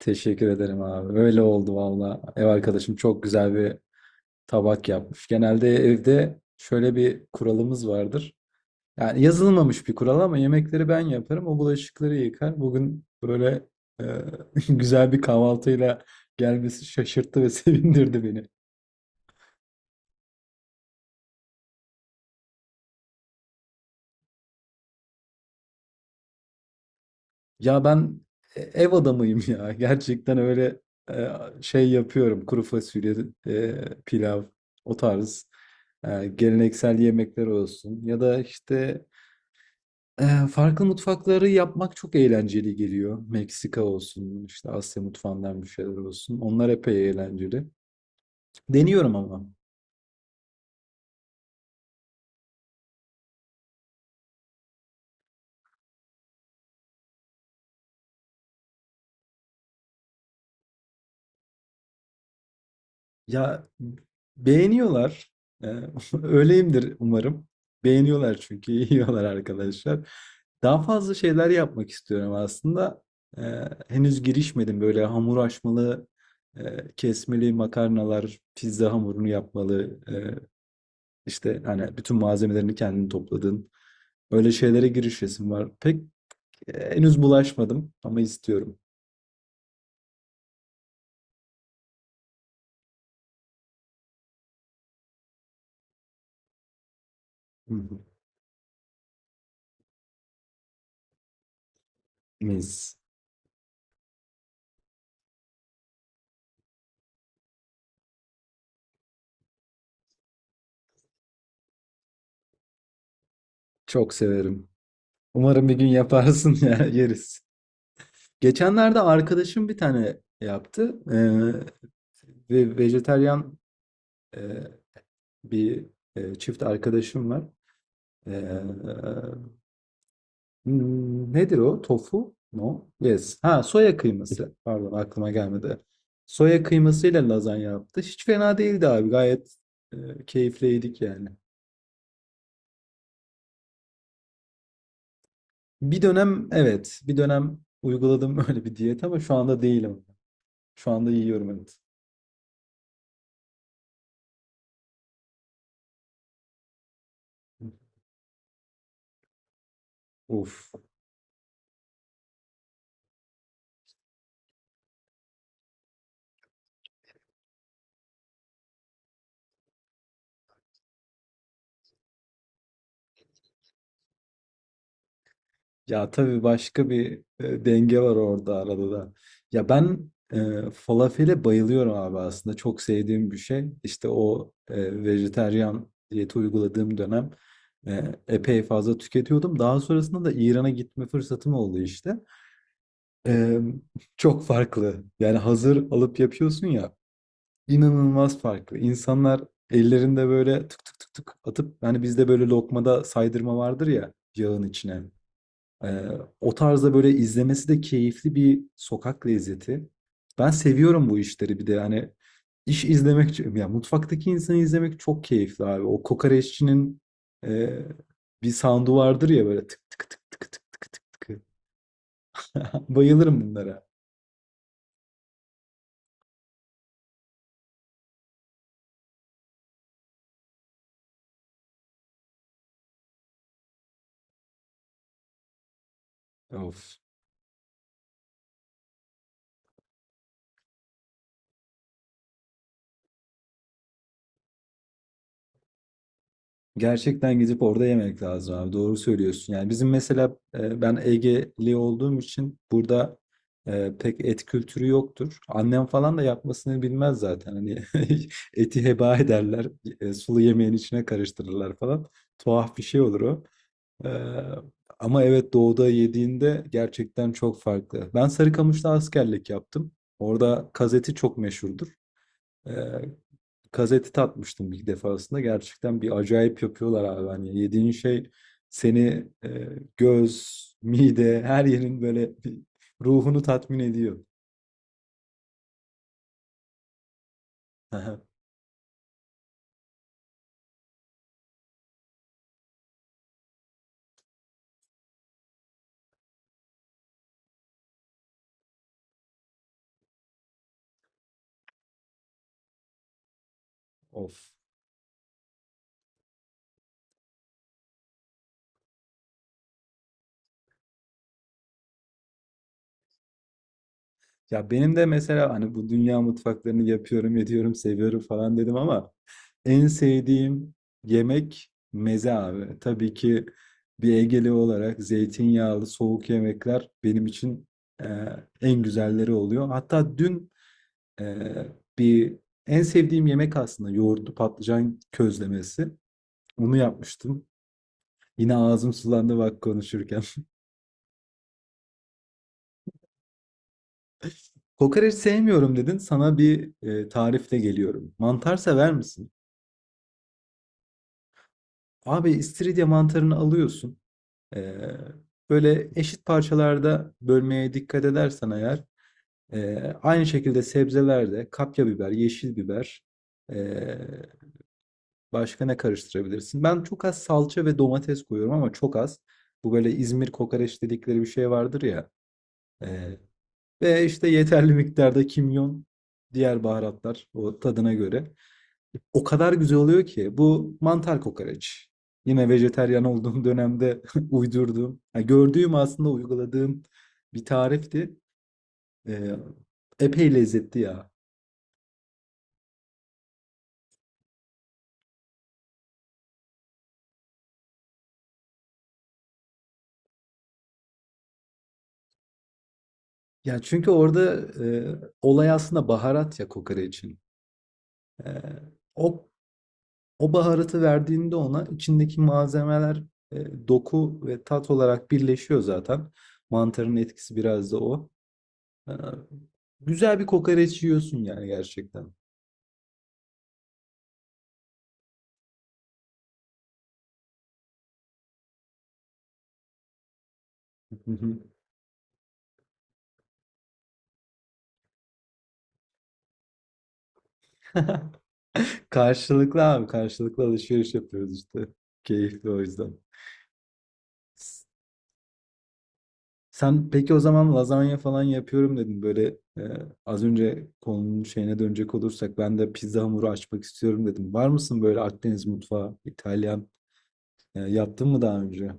Teşekkür ederim abi. Öyle oldu valla. Ev arkadaşım çok güzel bir tabak yapmış. Genelde evde şöyle bir kuralımız vardır. Yani yazılmamış bir kural ama yemekleri ben yaparım. O bulaşıkları yıkar. Bugün böyle e, güzel bir kahvaltıyla gelmesi şaşırttı ve sevindirdi beni. Ya ben ev adamıyım ya. Gerçekten öyle e, şey yapıyorum. Kuru fasulye, pilav, o tarz. Geleneksel yemekler olsun. Ya da farklı mutfakları yapmak çok eğlenceli geliyor. Meksika olsun, işte Asya mutfağından bir şeyler olsun. Onlar epey eğlenceli. Deniyorum ama. Ya beğeniyorlar. Eee, öyleyimdir umarım. Beğeniyorlar çünkü yiyorlar arkadaşlar. Daha fazla şeyler yapmak istiyorum aslında. Henüz girişmedim böyle hamur açmalı, kesmeli makarnalar, pizza hamurunu yapmalı. İşte hani bütün malzemelerini kendin topladın. Öyle şeylere girişesim var. Pek henüz bulaşmadım ama istiyorum. Hı hı. Mis. Çok severim. Umarım bir gün yaparsın ya yeriz. Geçenlerde arkadaşım bir tane yaptı. Ve vejetaryen e, bir çift arkadaşım var. Ee, Nedir o? Tofu? No. Yes. Ha soya kıyması. Pardon aklıma gelmedi. Soya kıymasıyla lazanya yaptı. Hiç fena değildi abi. Gayet keyifliydik yani. Bir dönem evet, bir dönem uyguladım öyle bir diyet ama şu anda değilim. Şu anda yiyorum evet. Uf. Ya tabii başka bir denge var orada arada da. Ya ben falafele bayılıyorum abi aslında. Çok sevdiğim bir şey. İşte o vejetaryen diyeti uyguladığım dönem e, epey fazla tüketiyordum. Daha sonrasında da İran'a gitme fırsatım oldu işte. E, Çok farklı. Yani hazır alıp yapıyorsun ya. İnanılmaz farklı. İnsanlar ellerinde böyle tık tık tık tık atıp hani bizde böyle lokmada saydırma vardır ya yağın içine. Ee, O tarzda böyle izlemesi de keyifli bir sokak lezzeti. Ben seviyorum bu işleri bir de yani iş izlemek ya mutfaktaki insanı izlemek çok keyifli abi. O kokoreççinin e, bir sound'u vardır ya böyle tık tık tık tık tık tık tık. Tık. Bayılırım bunlara. Of. Gerçekten gidip orada yemek lazım abi. Doğru söylüyorsun. Yani bizim mesela ben Egeli olduğum için burada pek et kültürü yoktur. Annem falan da yapmasını bilmez zaten. Hani eti heba ederler. Sulu yemeğin içine karıştırırlar falan. Tuhaf bir şey olur o. E, Ama evet doğuda yediğinde gerçekten çok farklı. Ben Sarıkamış'ta askerlik yaptım. Orada kazeti çok meşhurdur. E, Kazeti tatmıştım bir defasında. Gerçekten bir acayip yapıyorlar abi. Hani yediğin şey seni göz, mide, her yerin böyle bir ruhunu tatmin ediyor. Aha. Of. Ya benim de mesela hani bu dünya mutfaklarını yapıyorum, ediyorum, seviyorum falan dedim ama en sevdiğim yemek meze abi. Tabii ki bir Egeli olarak zeytinyağlı soğuk yemekler benim için e, en güzelleri oluyor. Hatta dün Ee, bir en sevdiğim yemek aslında yoğurtlu patlıcan közlemesi. Onu yapmıştım. Yine ağzım sulandı bak konuşurken. Kokoreç sevmiyorum dedin. Sana bir tarifle geliyorum. Mantar sever misin? Abi istiridye mantarını alıyorsun. Ee, Böyle eşit parçalarda bölmeye dikkat edersen eğer e, aynı şekilde sebzelerde kapya biber, yeşil biber, e, başka ne karıştırabilirsin? Ben çok az salça ve domates koyuyorum ama çok az. Bu böyle İzmir kokoreç dedikleri bir şey vardır ya. Ee, Ve işte yeterli miktarda kimyon, diğer baharatlar o tadına göre. O kadar güzel oluyor ki bu mantar kokoreç. Yine vejeteryan olduğum dönemde uydurduğum, yani gördüğüm aslında uyguladığım bir tarifti. Ee, Epey lezzetli ya. Ya çünkü orada e, olay aslında baharat ya kokoreçin. Ee, o O baharatı verdiğinde ona içindeki malzemeler doku ve tat olarak birleşiyor zaten. Mantarın etkisi biraz da o. Ee, Güzel bir kokoreç yiyorsun yani gerçekten. Karşılıklı abi karşılıklı alışveriş yapıyoruz işte. Keyifli o yüzden. S- Sen peki o zaman lazanya falan yapıyorum dedin. Böyle az önce konunun şeyine dönecek olursak ben de pizza hamuru açmak istiyorum dedim. Var mısın böyle Akdeniz mutfağı, İtalyan yaptın mı daha önce?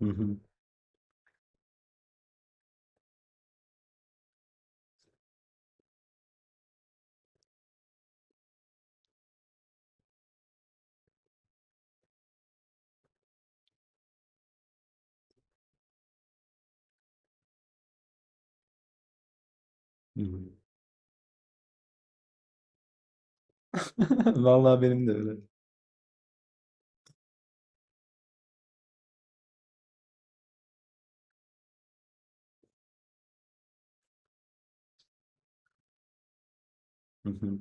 Hı hı, hı hı. Vallahi benim de öyle. Hı hı.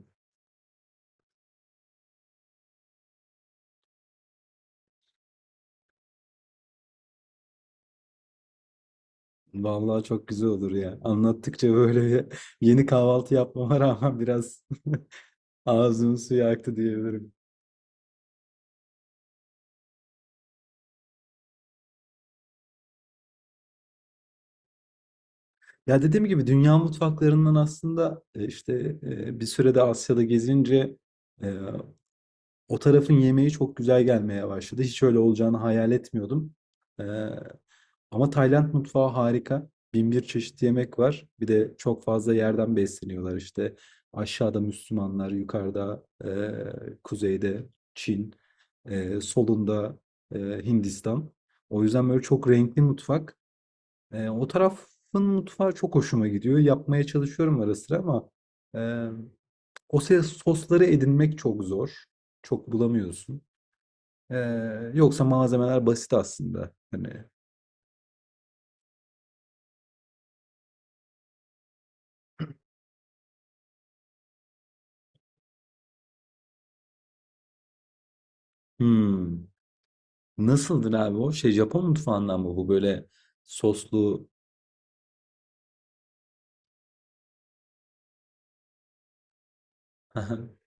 Vallahi çok güzel olur ya. Anlattıkça böyle yeni kahvaltı yapmama rağmen biraz ağzımın suyu aktı diyebilirim. Ya dediğim gibi dünya mutfaklarından aslında bir sürede Asya'da gezince e, o tarafın yemeği çok güzel gelmeye başladı. Hiç öyle olacağını hayal etmiyordum. Ee, Ama Tayland mutfağı harika. Bin bir çeşit yemek var. Bir de çok fazla yerden besleniyorlar işte. Aşağıda Müslümanlar, yukarıda kuzeyde Çin, solunda Hindistan. O yüzden böyle çok renkli mutfak. O tarafın mutfağı çok hoşuma gidiyor. Yapmaya çalışıyorum ara sıra ama e, sosları edinmek çok zor. Çok bulamıyorsun. Ee, Yoksa malzemeler basit aslında. Hmm, Nasıldır abi o? Şey Japon mutfağından mı bu böyle soslu?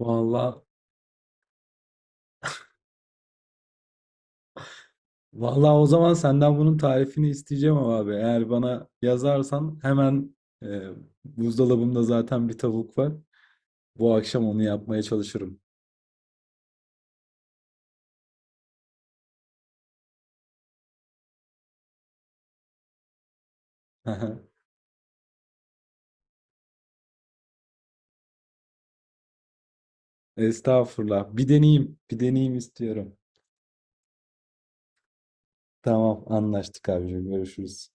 Vallahi vallahi o zaman senden bunun tarifini isteyeceğim ama abi. Eğer bana yazarsan hemen e, buzdolabımda zaten bir tavuk var. Bu akşam onu yapmaya çalışırım. Estağfurullah. Bir deneyeyim. Bir deneyeyim istiyorum. Tamam anlaştık abicim. Görüşürüz.